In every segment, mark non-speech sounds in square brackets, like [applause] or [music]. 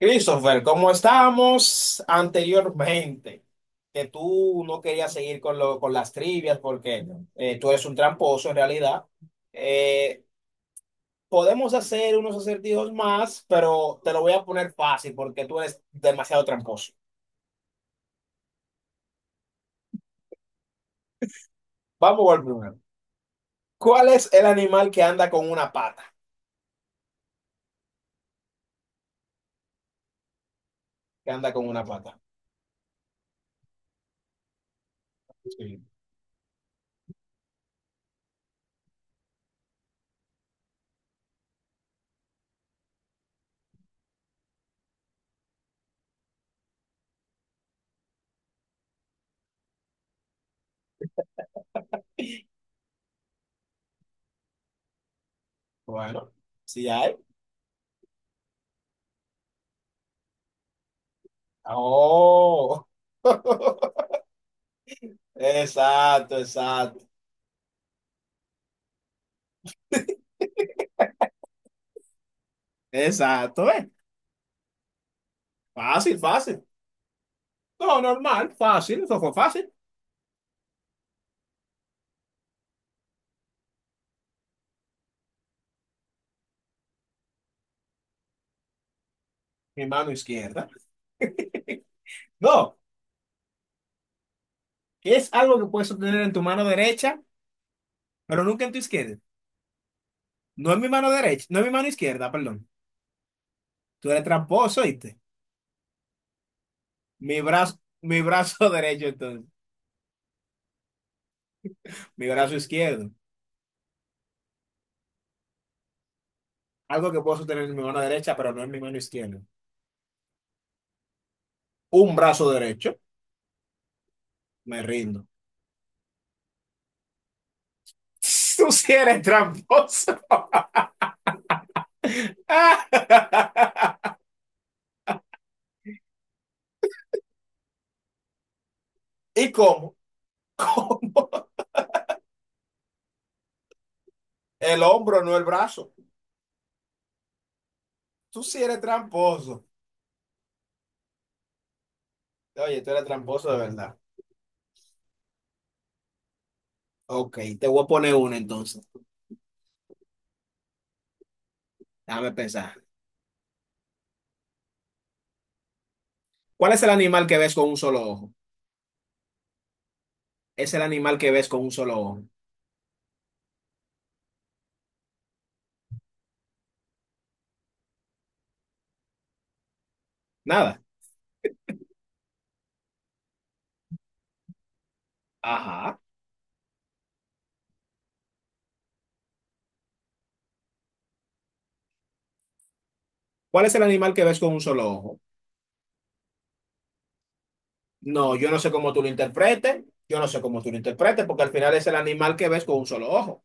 Christopher, como estábamos anteriormente, que tú no querías seguir con, lo, con las trivias porque tú eres un tramposo en realidad. eh, Podemos hacer unos acertijos más, pero te lo voy a poner fácil porque tú eres demasiado tramposo. Vamos al primero. ¿Cuál es el animal que anda con una pata? Que anda con una pata. Sí. Bueno, sí hay. Oh. [laughs] Exacto, exacto. Exacto, ¿eh? Fácil, fácil. No, normal, fácil, eso fue fácil. Mi mano izquierda. No, es algo que puedes obtener en tu mano derecha, pero nunca en tu izquierda. No es mi mano derecha, no es mi mano izquierda, perdón. Tú eres tramposo, ¿viste? Mi brazo [laughs] derecho, entonces. Mi brazo izquierdo. Algo que puedo sostener en mi mano derecha, pero no en mi mano izquierda. Un brazo derecho. Me rindo. [laughs] Tú sí eres tramposo. [laughs] ¿Y cómo? ¿Cómo? El hombro, no el brazo. Tú sí eres tramposo. Oye, tú eres tramposo de verdad. Ok, te voy a poner una entonces. Déjame pensar. ¿Cuál es el animal que ves con un solo ojo? Es el animal que ves con un solo ojo. Nada. Ajá. ¿Cuál es el animal que ves con un solo ojo? No, yo no sé cómo tú lo interpretes. Yo no sé cómo tú lo interpretes, porque al final es el animal que ves con un solo ojo.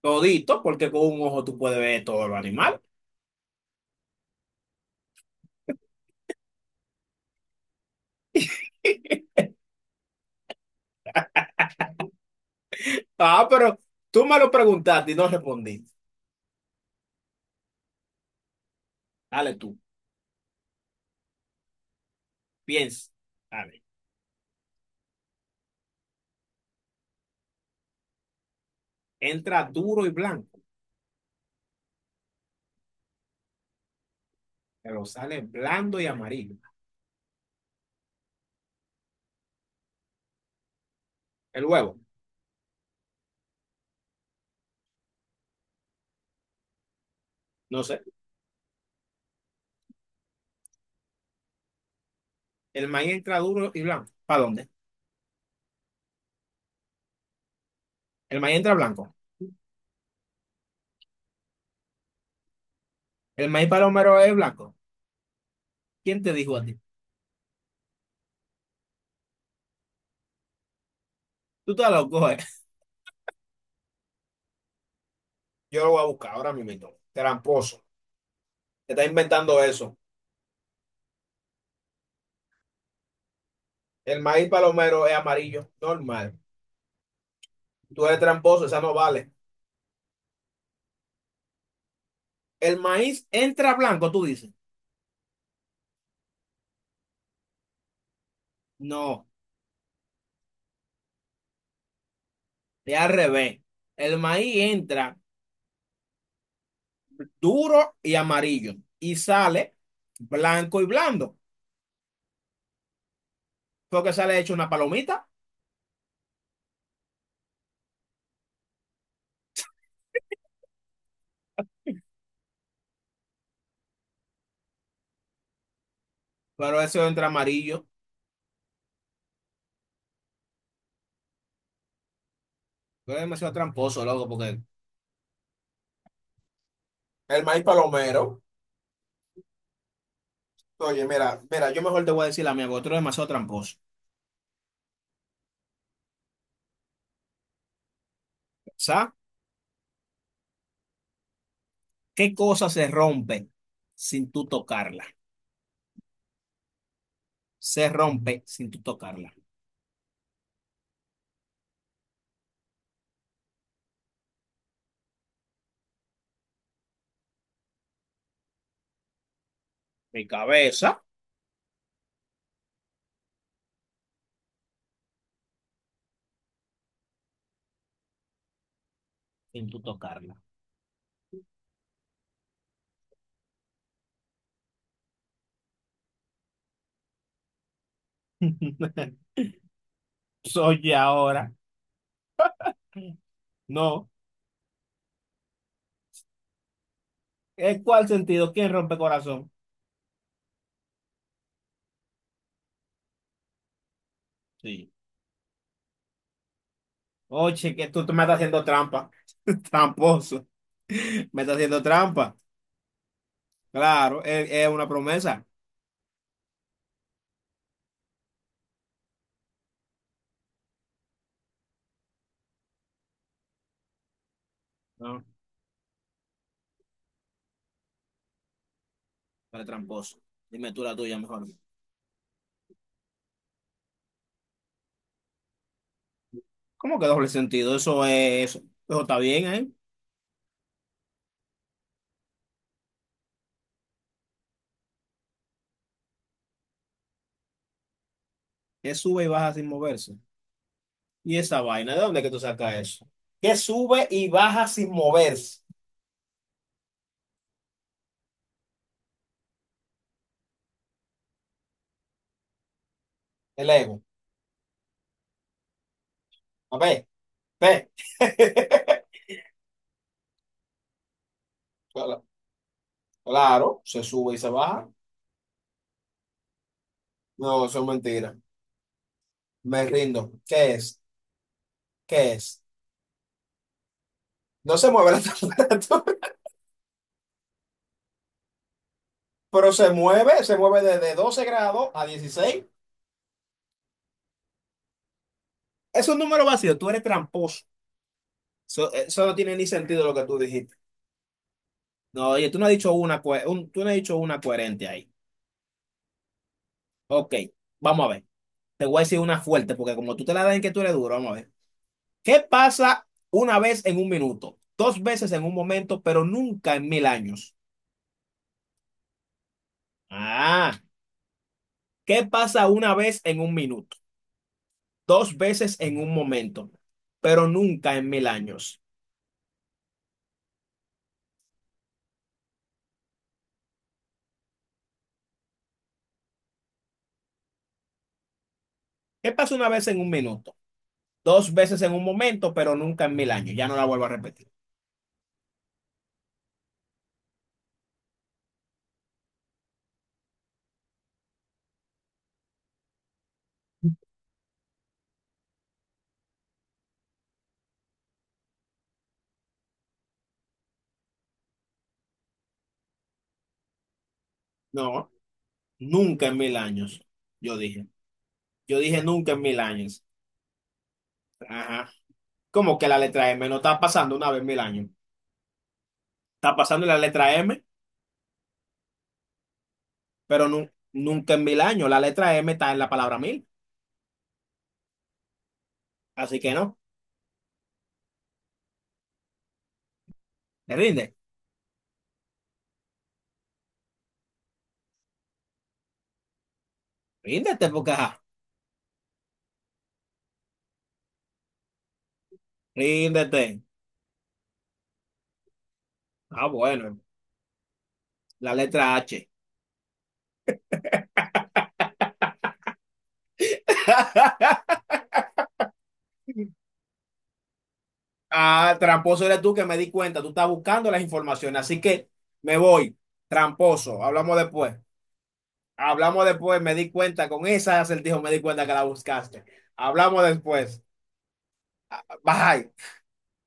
Todito, porque con un ojo tú puedes ver todo los animal. [laughs] Ah, pero tú me lo preguntaste y no respondí. Dale tú, piensa. Dale. Entra duro y blanco, pero sale blando y amarillo. El huevo, no sé. El maíz entra duro y blanco. ¿Para dónde? El maíz entra blanco. El maíz palomero es blanco. ¿Quién te dijo a ti? Tú estás loco, ¿eh? Yo lo voy a buscar ahora mismo. Tramposo. Te está inventando eso. El maíz palomero es amarillo, normal. Tú eres tramposo, esa no vale. El maíz entra blanco, tú dices. No, es al revés. El maíz entra duro y amarillo y sale blanco y blando. Porque sale hecho una palomita, pero eso entra amarillo. Tú eres demasiado tramposo, loco, porque el maíz palomero. Oye, mira, mira, yo mejor te voy a decir la mía, porque tú eres demasiado tramposo. ¿Sabes? ¿Qué cosa se rompe sin tú tocarla? Se rompe sin tú tocarla. Mi cabeza. Sin tú tocarla. [laughs] Soy ahora. No. ¿En cuál sentido? ¿Quién rompe corazón? Sí. Oye, que tú me estás haciendo trampa. [laughs] Tramposo. Me estás haciendo trampa. Claro, es una promesa. No, para tramposo. Dime tú la tuya mejor. ¿Cómo que doble sentido? Eso es eso. Eso está bien, ¿eh? Es sube y baja sin moverse. ¿Y esa vaina? ¿De dónde es que tú sacas eso? Que sube y baja sin moverse el ego. A ver, ve. [laughs] Cla- Claro, se sube y se baja. No, eso es mentira. Me rindo. ¿Qué es? ¿Qué es? No se mueve la [laughs] temperatura, pero se mueve desde 12 grados a 16. Es un número vacío, tú eres tramposo. Eso no tiene ni sentido lo que tú dijiste. No, oye, tú no has dicho tú no has dicho una coherente ahí. Ok, vamos a ver. Te voy a decir una fuerte, porque como tú te la das en que tú eres duro, vamos a ver. ¿Qué pasa una vez en un minuto? Dos veces en un momento, pero nunca en 1.000 años. Ah, ¿qué pasa una vez en un minuto? Dos veces en un momento, pero nunca en mil años. ¿Qué pasa una vez en un minuto? Dos veces en un momento, pero nunca en mil años. Ya no la vuelvo a repetir. No, nunca en mil años, yo dije. Yo dije nunca en 1.000 años. Ajá. ¿Cómo que la letra M no está pasando una vez en 1.000 años? Está pasando la letra M. Nunca en mil años. La letra M está en la palabra mil, así que no, te rinde, ríndete, porque ajá, ríndete. Ah, bueno, la letra H. [laughs] Ah, tramposo eres tú que me di cuenta, tú estás buscando las informaciones, así que me voy, tramposo, hablamos después. Hablamos después, me di cuenta, con esa acertijo me di cuenta que la buscaste. Hablamos después. Ah, Bye.